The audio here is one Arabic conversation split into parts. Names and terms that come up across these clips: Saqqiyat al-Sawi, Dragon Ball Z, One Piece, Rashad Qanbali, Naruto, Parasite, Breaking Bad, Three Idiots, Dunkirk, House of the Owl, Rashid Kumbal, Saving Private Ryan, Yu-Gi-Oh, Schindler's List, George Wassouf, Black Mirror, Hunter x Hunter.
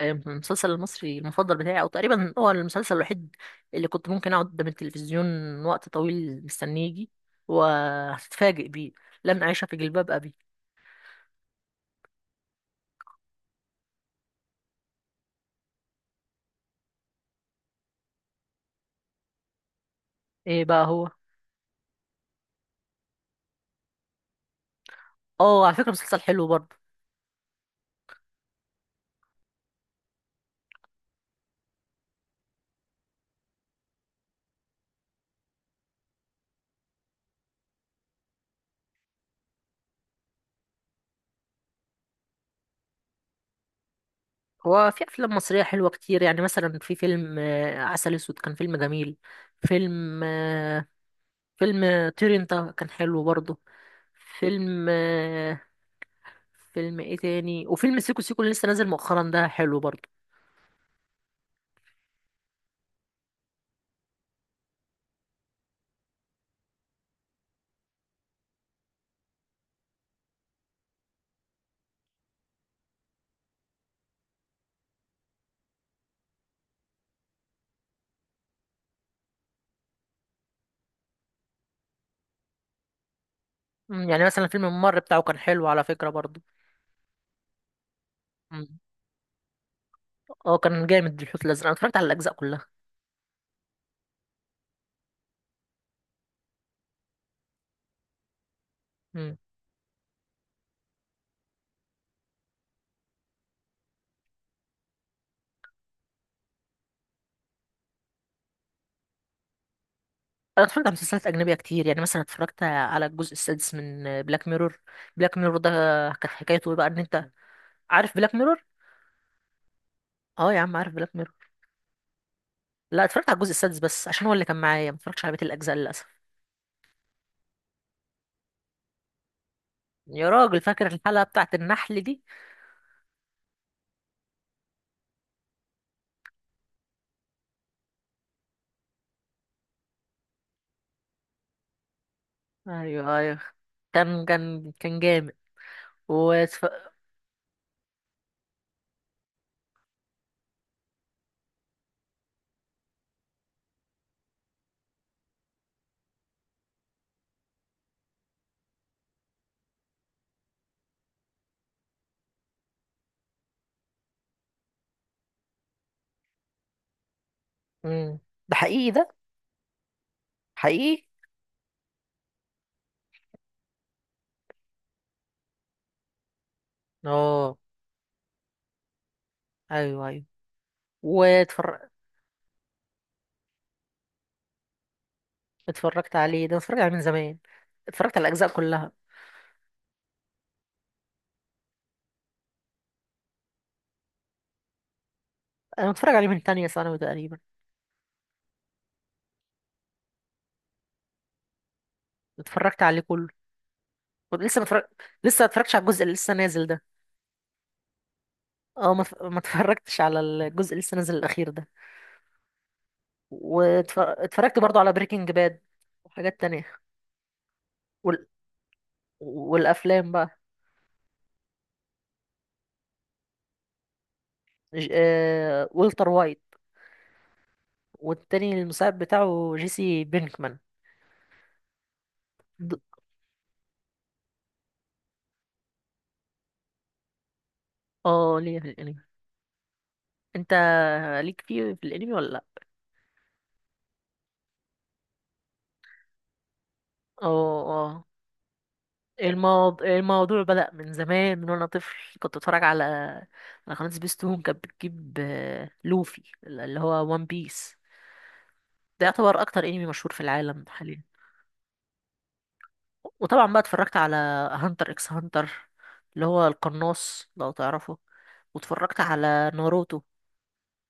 المسلسل المصري المفضل بتاعي او تقريبا هو المسلسل الوحيد اللي كنت ممكن اقعد قدام التلفزيون وقت طويل مستنيه يجي وهتتفاجئ بيه، لن اعيش في جلباب ابي. ايه بقى هو؟ اه، على فكره مسلسل حلو برضه. هو في افلام مصريه حلوه كتير، يعني مثلا في فيلم عسل اسود كان فيلم جميل. فيلم آه، فيلم طير انت كان حلو برضه. فيلم فيلم ايه تاني، وفيلم سيكو سيكو اللي لسه نازل مؤخرا ده حلو برضه. يعني مثلا فيلم الممر بتاعه كان حلو على فكرة برضه. مم. اه، كان جامد الحوت الازرق، انا اتفرجت على الاجزاء كلها. مم. انا اتفرجت على مسلسلات اجنبيه كتير، يعني مثلا اتفرجت على الجزء السادس من بلاك ميرور. بلاك ميرور ده كانت حكايته ايه بقى؟ ان انت عارف بلاك ميرور؟ اه يا عم، عارف بلاك ميرور. لا، اتفرجت على الجزء السادس بس عشان هو اللي كان معايا، ما اتفرجتش على بقيه الاجزاء للاسف. يا راجل، فاكر الحلقه بتاعت النحل دي؟ ايوه، ايوه، كان جامد. واتف... مم. ده حقيقي ده؟ حقيقي. اه. ايوه، ايوه. واتفرج اتفرجت عليه ده، اتفرجت عليه من زمان، اتفرجت على الاجزاء كلها. انا متفرج عليه من تانية ثانوي تقريبا. اتفرجت عليه كله، كنت لسه متفرج. لسه ما اتفرجتش على الجزء اللي لسه نازل ده. اه، ما اتفرجتش على الجزء اللي لسه نازل الاخير ده. واتفرجت برضو على بريكنج باد وحاجات تانية. وال... والافلام بقى. والتر وايت. والتاني المساعد بتاعه جيسي بينكمان. د- اه، ليه في الانمي. انت ليك فيه في الانمي ولا لا؟ اه، اه، الموضوع بدأ من زمان، من وانا طفل، كنت اتفرج على قناة سبيستون، كانت بتجيب لوفي اللي هو وان بيس. ده يعتبر اكتر انمي مشهور في العالم حاليا. وطبعا بقى اتفرجت على هانتر اكس هانتر اللي هو القناص لو تعرفه. واتفرجت على ناروتو.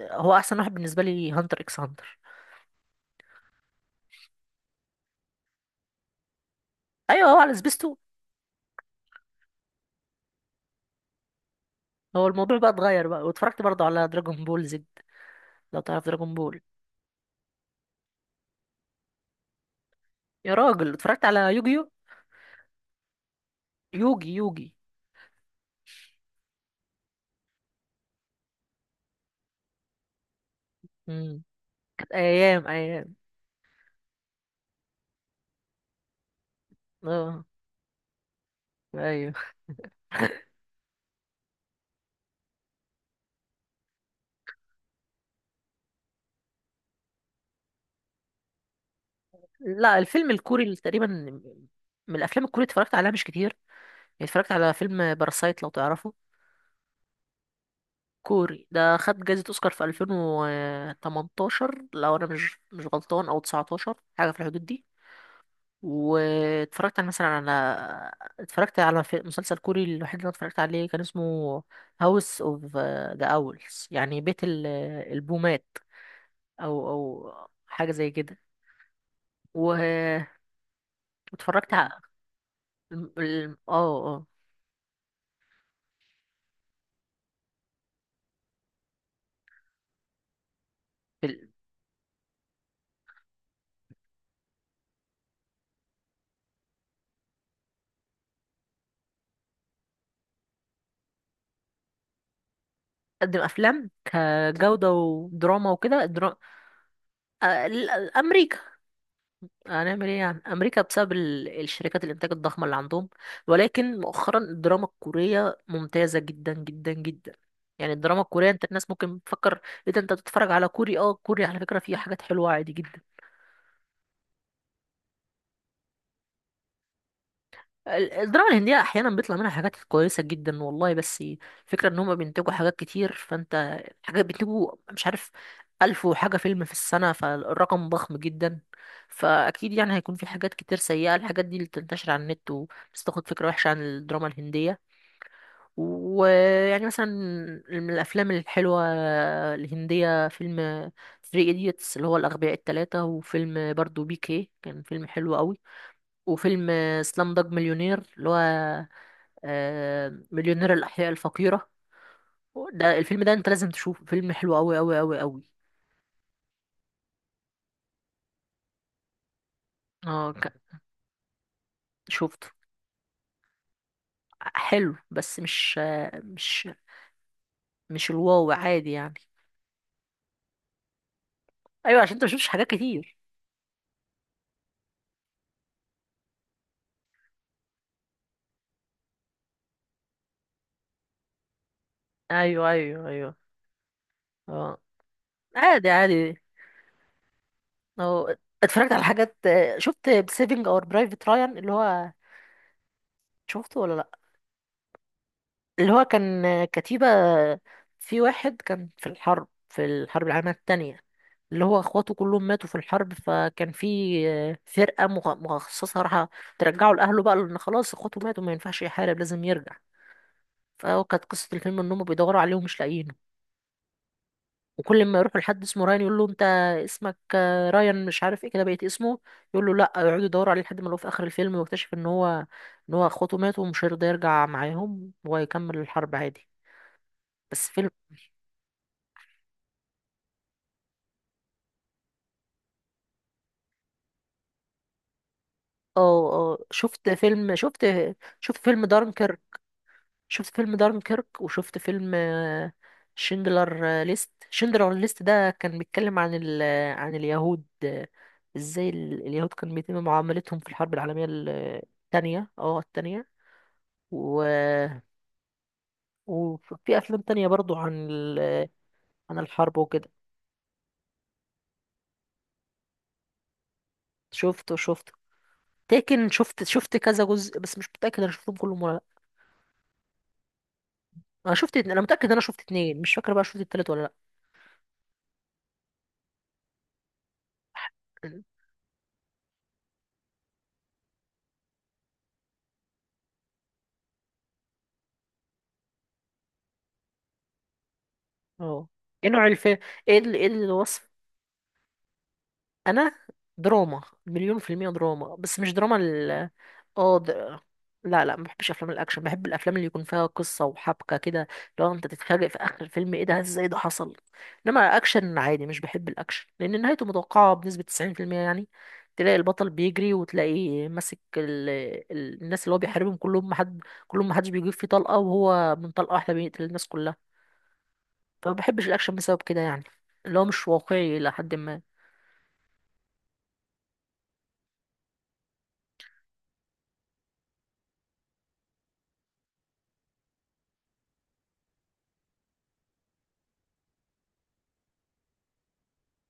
هو احسن واحد بالنسبة لي هانتر اكس هانتر. ايوه، هو على سبيستون. هو الموضوع بقى اتغير بقى، واتفرجت برضه على دراجون بول زد، لو تعرف دراجون بول. يا راجل، اتفرجت على يوجيو. يوجي، يوجي. مم. ايام، ايام. اه. ايوه. لا، الفيلم الكوري اللي تقريبا، من الافلام الكوري اتفرجت عليها مش كتير. يعني اتفرجت على فيلم باراسايت لو تعرفه. كوري ده خد جائزة اوسكار في 2018، لو انا مش غلطان، او 19، حاجة في الحدود دي. واتفرجت على مثلا، اتفرجت على في مسلسل كوري، الوحيد اللي انا اتفرجت عليه كان اسمه هاوس اوف ذا اولز، يعني بيت البومات، او حاجة زي كده. و- واتفرجت الم- الم- اه اه ال- بتقدم افلام كجوده ودراما وكده آه، ال- امريكا. هنعمل ايه، يعني امريكا، بسبب الشركات الانتاج الضخمه اللي عندهم. ولكن مؤخرا الدراما الكوريه ممتازه جدا جدا جدا. يعني الدراما الكوريه، انت الناس ممكن تفكر ايه ده، انت بتتفرج على كوري؟ اه، كوري، على فكره فيه حاجات حلوه عادي جدا. الدراما الهندية أحيانا بيطلع منها حاجات كويسة جدا والله، بس فكرة إن هما بينتجوا حاجات كتير، فأنت حاجات بينتجوا مش عارف ألف وحاجة فيلم في السنة، فالرقم ضخم جدا. فأكيد يعني هيكون في حاجات كتير سيئة، الحاجات دي اللي بتنتشر على النت وبس، تاخد فكرة وحشة عن الدراما الهندية. ويعني مثلا من الأفلام الحلوة الهندية فيلم ثري إيديتس اللي هو الأغبياء التلاتة، وفيلم برضو بي كي كان فيلم حلو قوي، وفيلم سلام دوج مليونير اللي هو مليونير الأحياء الفقيرة. ده الفيلم ده انت لازم تشوفه، فيلم حلو أوي أوي أوي أوي. اه، شفته. حلو بس مش آه، مش مش الواو عادي يعني. ايوه، عشان انت مشفتش حاجات كتير. ايوه، ايوه، ايوه. اه. عادي، عادي. اه، اتفرجت على حاجات. شفت سيفنج اور برايفت رايان، اللي هو، شفته ولا لا؟ اللي هو كان كتيبة، في واحد كان في الحرب، في الحرب العالمية التانية، اللي هو اخواته كلهم ماتوا في الحرب، فكان في فرقة مخصصة راح ترجعه لأهله بقى، لأن خلاص اخواته ماتوا ما ينفعش يحارب، لازم يرجع. فهو كانت قصة الفيلم إن هم بيدوروا عليه ومش لاقيينه. وكل ما يروحوا لحد اسمه رايان يقول له أنت اسمك رايان، مش عارف ايه كده، بقيت اسمه، يقول له لأ. يقعدوا يدوروا عليه لحد ما لقوه في آخر الفيلم، ويكتشف إن هو اخواته ماتوا، ومش هيرضى يرجع معاهم، ويكمل الحرب عادي. بس فيلم. اه، اه، شفت فيلم دارنكر، شفت فيلم دارنكيرك. وشفت فيلم شندلر ليست ده كان بيتكلم عن ال... آه، عن اليهود، ازاي اليهود كان بيتم معاملتهم في الحرب العالمية الثانية. و... وفي افلام تانية برضو عن عن الحرب وكده. شفته، شفته، لكن شفت كذا جزء، بس مش متأكد انا شفتهم كلهم ولا لا. انا متأكد انا شفت اتنين، مش فاكر بقى شفت التالت ولا لا. اه. ايه نوع الفيلم؟ ايه ايه الوصف؟ انا دراما مليون في المية، دراما، بس مش دراما. اه د... لا، لا، ما بحبش افلام الاكشن، بحب الافلام اللي يكون فيها قصة وحبكة كده، لو انت تتفاجئ في اخر الفيلم ايه ده، ازاي ده حصل. انما اكشن عادي مش بحب الاكشن، لان نهايته متوقعة بنسبة 90% يعني. تلاقي البطل بيجري وتلاقيه ماسك الناس اللي هو بيحاربهم، كلهم محدش بيجيب فيه طلقة، وهو من طلقة واحدة بيقتل الناس كلها. فما بحبش الاكشن بسبب كده، يعني اللي هو مش واقعي الى حد ما.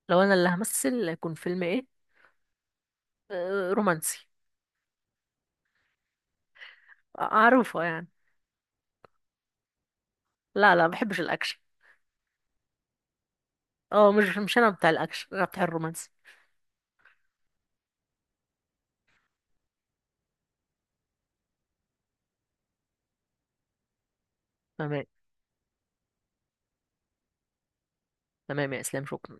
لو انا اللي همثل هيكون فيلم ايه؟ رومانسي، اعرفه يعني. لا، لا، ما بحبش الاكشن. اه، مش انا بتاع الاكشن، انا بتاع الرومانسي. تمام. تمام يا اسلام، شكرا.